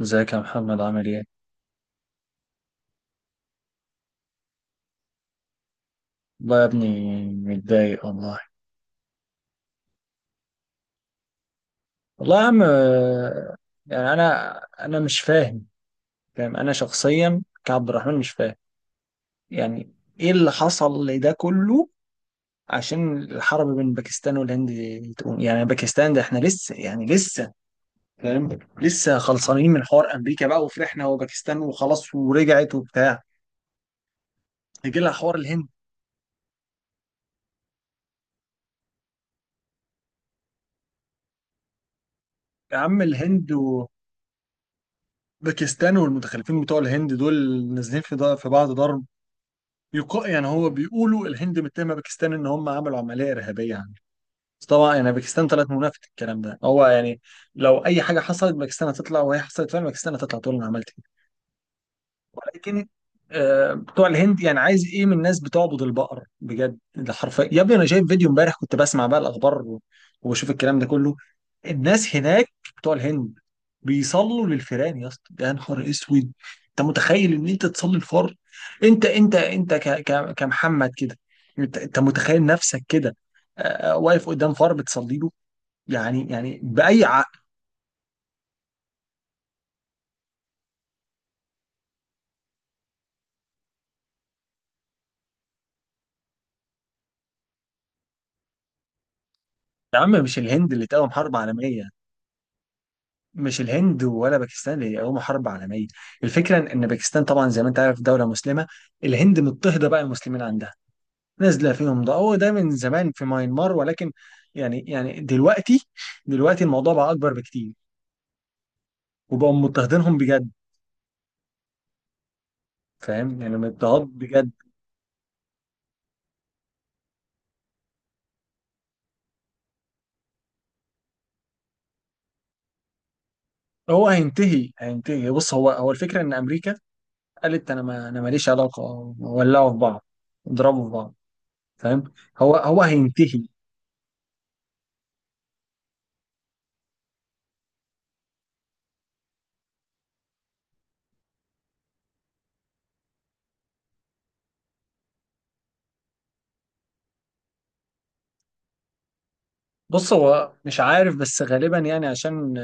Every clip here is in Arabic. ازيك يا محمد عامل ايه؟ والله يا ابني متضايق والله. والله يا عم، يعني انا مش فاهم. فاهم، انا شخصيا كعبد الرحمن مش فاهم، يعني ايه اللي حصل لده كله؟ عشان الحرب بين باكستان والهند تقوم، يعني باكستان، ده احنا لسه فاهم، لسه خلصانين من حوار امريكا بقى وفرحنا وباكستان وخلاص ورجعت وبتاع، يجي لها حوار الهند. يا عم الهند باكستان والمتخلفين بتوع الهند دول نازلين في بعض ضرب. يعني هو بيقولوا الهند متهمه باكستان ان هم عملوا عمليه ارهابيه عنه، بس طبعا يعني باكستان طلعت منافت الكلام ده، هو يعني لو اي حاجه حصلت باكستان هتطلع، وهي حصلت فعلا باكستان هتطلع تقول انا عملت. لكن بتوع الهند يعني عايز ايه من الناس بتعبد البقر؟ بجد ده حرفيا يا ابني، انا شايف فيديو امبارح كنت بسمع بقى الاخبار وبشوف الكلام ده كله. الناس هناك، بتوع الهند، بيصلوا للفيران يا اسطى، يا نهار اسود! انت متخيل ان انت تصلي الفار؟ انت انت انت ك ك كمحمد كده، انت متخيل نفسك كده؟ آه، واقف قدام فار بتصلي له، يعني باي عقل؟ يا عم مش الهند اللي تقوم حرب عالميه، مش الهند ولا باكستان هي هم حرب عالميه. الفكره ان إن باكستان طبعا زي ما انت عارف دوله مسلمه، الهند مضطهده بقى المسلمين عندها، نازله فيهم، ده هو ده من زمان في ماينمار، ولكن يعني دلوقتي الموضوع بقى اكبر بكتير، وبقوا مضطهدينهم بجد. فاهم؟ يعني مضطهد بجد. هو هينتهي بص، هو الفكره ان امريكا قالت انا ما انا ماليش علاقه، ولعوا في بعض، اضربوا في بعض. فاهم؟ هو هينتهي. بص هو مش عارف بس غالبا يعني عشان،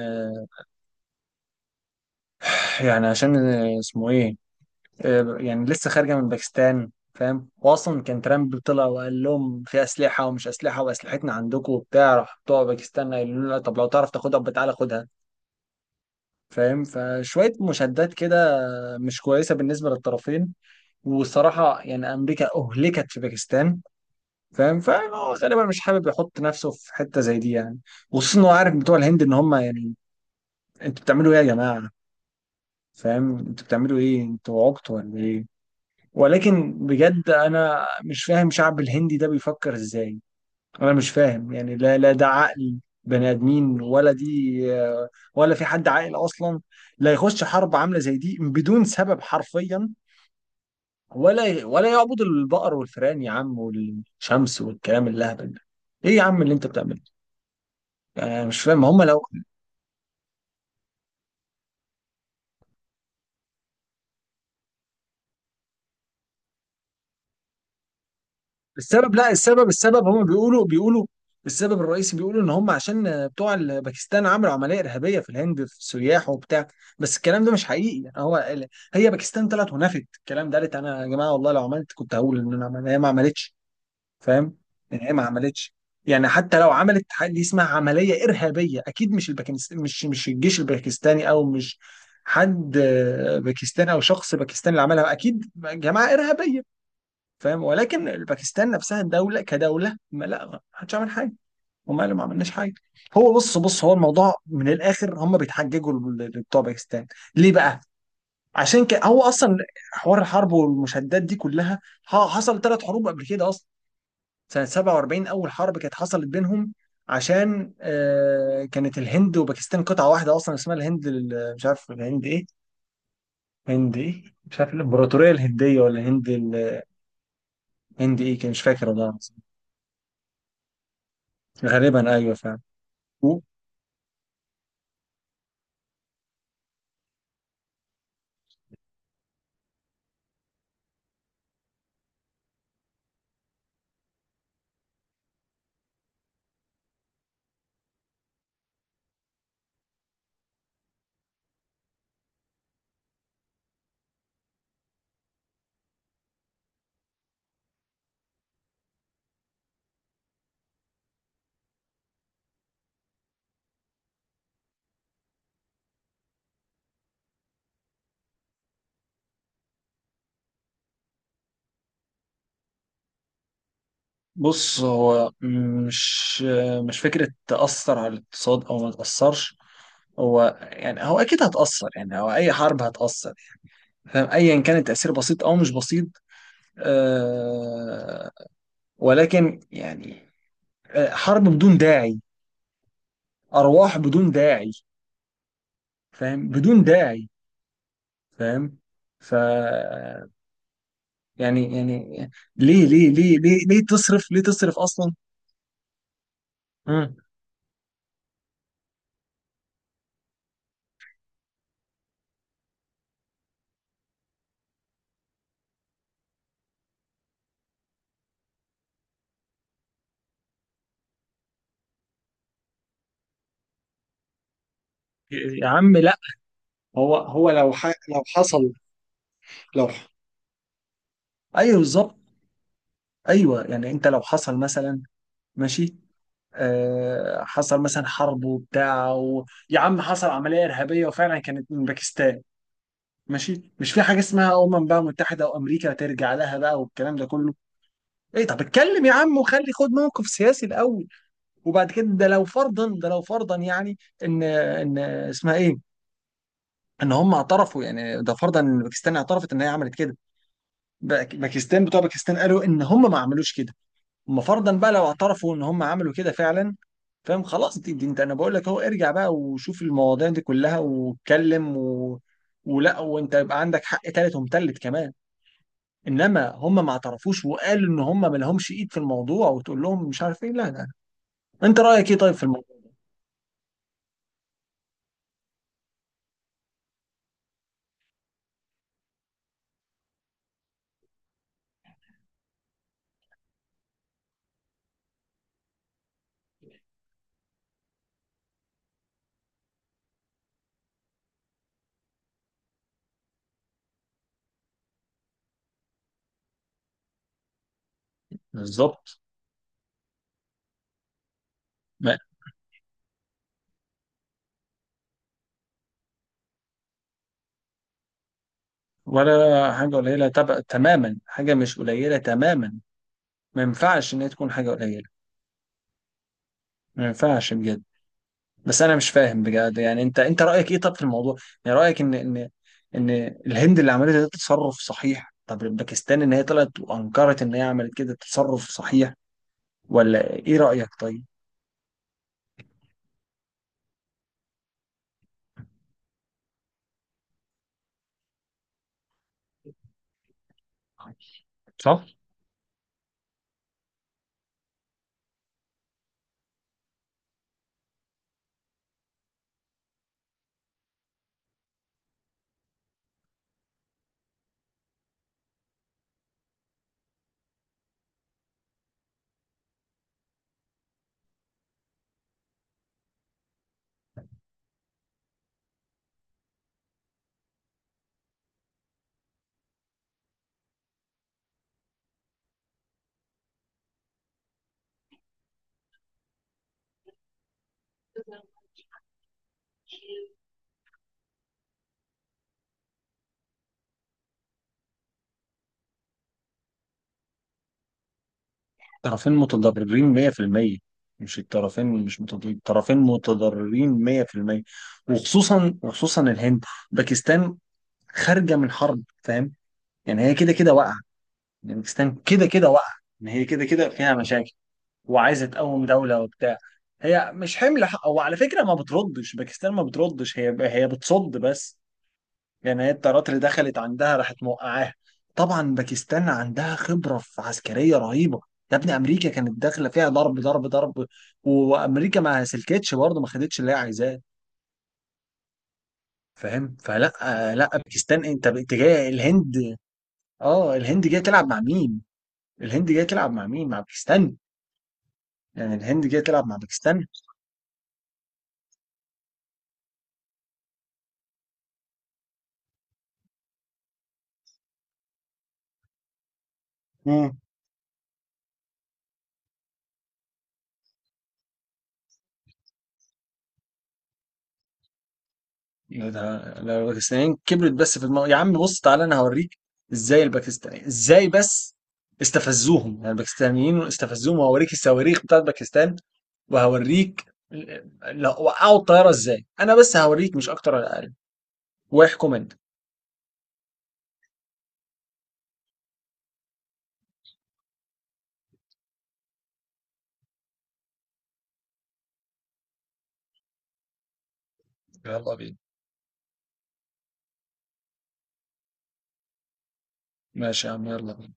يعني عشان اسمه ايه، يعني لسه خارجه من باكستان فاهم، واصلا كان ترامب طلع وقال لهم في اسلحه ومش اسلحه واسلحتنا عندكم وبتاع، راح بتوع باكستان قالوا له لا، طب لو تعرف تاخدها يبقى تعالى خدها. فاهم؟ فشويه مشادات كده مش كويسه بالنسبه للطرفين، والصراحه يعني امريكا اهلكت في باكستان. فاهم؟ فهو غالبا مش حابب يحط نفسه في حته زي دي، يعني وخصوصا هو عارف بتوع الهند ان هم يعني انتوا بتعملوا ايه يا جماعه؟ فاهم؟ انتوا بتعملوا ايه، انتوا عبط ولا ايه؟ ولكن بجد انا مش فاهم شعب الهندي ده بيفكر ازاي، انا مش فاهم يعني. لا لا ده عقل بني ادمين ولا دي؟ ولا في حد عاقل اصلا؟ لا يخش حرب عامله زي دي بدون سبب حرفيا، ولا يعبد البقر والفئران يا عم والشمس والكلام اللهبل ده. ايه يا عم اللي انت بتعمله؟ انا مش فاهم هم لو، السبب، لا السبب السبب هم بيقولوا، السبب الرئيسي بيقولوا ان هم عشان باكستان عملوا عمليه ارهابيه في الهند في السياح وبتاع، بس الكلام ده مش حقيقي. يعني هي باكستان طلعت ونفت الكلام ده، قالت انا يا جماعه والله لو عملت كنت هقول ان انا عملت، هي ما عملتش. فاهم؟ يعني هي ما عملتش. يعني حتى لو عملت حاجة دي اسمها عمليه ارهابيه، اكيد مش الباكستاني، مش الجيش الباكستاني، او مش حد باكستاني او شخص باكستاني اللي عملها، اكيد جماعه ارهابيه. فاهم؟ ولكن باكستان نفسها الدوله كدوله، ما حدش عمل حاجه. هم قالوا ما عملناش حاجه. هو بص، هو الموضوع من الاخر هم بيتحججوا لبتوع باكستان. ليه بقى؟ عشان كده هو اصلا، حوار الحرب والمشادات دي كلها، حصل ثلاث حروب قبل كده اصلا. سنه 47 اول حرب كانت حصلت بينهم، عشان آه كانت الهند وباكستان قطعه واحده اصلا اسمها الهند، مش عارف الهند ايه، هند ايه، مش عارف، الامبراطوريه الهنديه ولا هند ايه كان، مش فاكر والله العظيم. غالبا ايوه فعلا. بص هو مش مش فكرة تأثر على الاقتصاد أو ما تأثرش، هو يعني هو أكيد هتأثر، يعني هو أي حرب هتأثر. فاهم؟ أيا كان التأثير بسيط أو مش بسيط. أه، ولكن يعني حرب بدون داعي، أرواح بدون داعي. فاهم؟ بدون داعي. فاهم؟ ف يعني ليه تصرف؟ ليه تصرف أصلا؟ مم. يا عم لا، هو لو لو حصل، لو، ايوه بالظبط. ايوه يعني انت لو حصل مثلا، ماشي، آه حصل مثلا حرب وبتاع يا عم حصل عمليه ارهابيه وفعلا كانت من باكستان، ماشي، مش في حاجه اسمها بقى متحده وامريكا ترجع لها بقى والكلام ده كله. ايه؟ طب اتكلم يا عم وخلي خد موقف سياسي الاول، وبعد كده ده لو فرضا، يعني ان اسمها ايه، ان هم اعترفوا، يعني ده فرضا ان باكستان اعترفت ان هي عملت كده. باكستان، بتوع باكستان قالوا ان هم ما عملوش كده. اما فرضا بقى لو اعترفوا ان هم عملوا كده فعلا، فاهم، خلاص دي انت، انا بقول لك اهو، ارجع بقى وشوف المواضيع دي كلها واتكلم و... ولا وانت يبقى عندك حق تالت ومتلت كمان. انما هم ما اعترفوش وقالوا ان هم ما لهمش ايد في الموضوع، وتقول لهم مش عارف ايه، لا لا. انت رايك ايه طيب في الموضوع؟ بالظبط. ما- ولا حاجه قليله تبقى تماما، حاجه مش قليله تماما، ما ينفعش ان هي تكون حاجه قليله، ما ينفعش بجد. بس انا مش فاهم بجد، يعني انت رايك ايه طب في الموضوع؟ يعني رايك ان ان الهند اللي عملته ده تصرف صحيح؟ طب باكستان ان هي طلعت وانكرت ان هي عملت كده تصرف صحيح؟ ولا ايه رايك طيب؟ صح. طرفين متضررين 100%، مش الطرفين مش متضررين، طرفين متضررين 100%. وخصوصا الهند، باكستان خارجة من حرب. فاهم؟ يعني هي كده كده واقعة، يعني باكستان كده كده واقعة، يعني هي كده كده فيها مشاكل، وعايزه تقوم دوله وبتاع. هي مش حمل حق، وعلى فكره ما بتردش باكستان ما بتردش، هي بتصد بس. يعني هي الطيارات اللي دخلت عندها راحت موقعاها. طبعا باكستان عندها خبره في عسكريه رهيبه، يا ابني امريكا كانت داخله فيها ضرب ضرب ضرب، وامريكا ما سلكتش برضه، ما خدتش اللي هي عايزاه. فاهم؟ فلا لا باكستان، انت جاي الهند؟ اه الهند جايه تلعب مع مين؟ الهند جايه تلعب مع مين؟ مع باكستان؟ يعني الهند جايه تلعب مع باكستان؟ يا ده لو الباكستانيين كبرت بس في الموضوع يا عم، بص تعالى انا هوريك ازاي الباكستانيين، ازاي بس استفزوهم، يعني الباكستانيين استفزوهم، وهوريك الصواريخ بتاعت باكستان، وهوريك ال- لا وقعوا الطياره ازاي، انا بس هوريك مش اكتر ولا اقل. واحكم انت. يلا بينا. ماشي يا عم، يلا.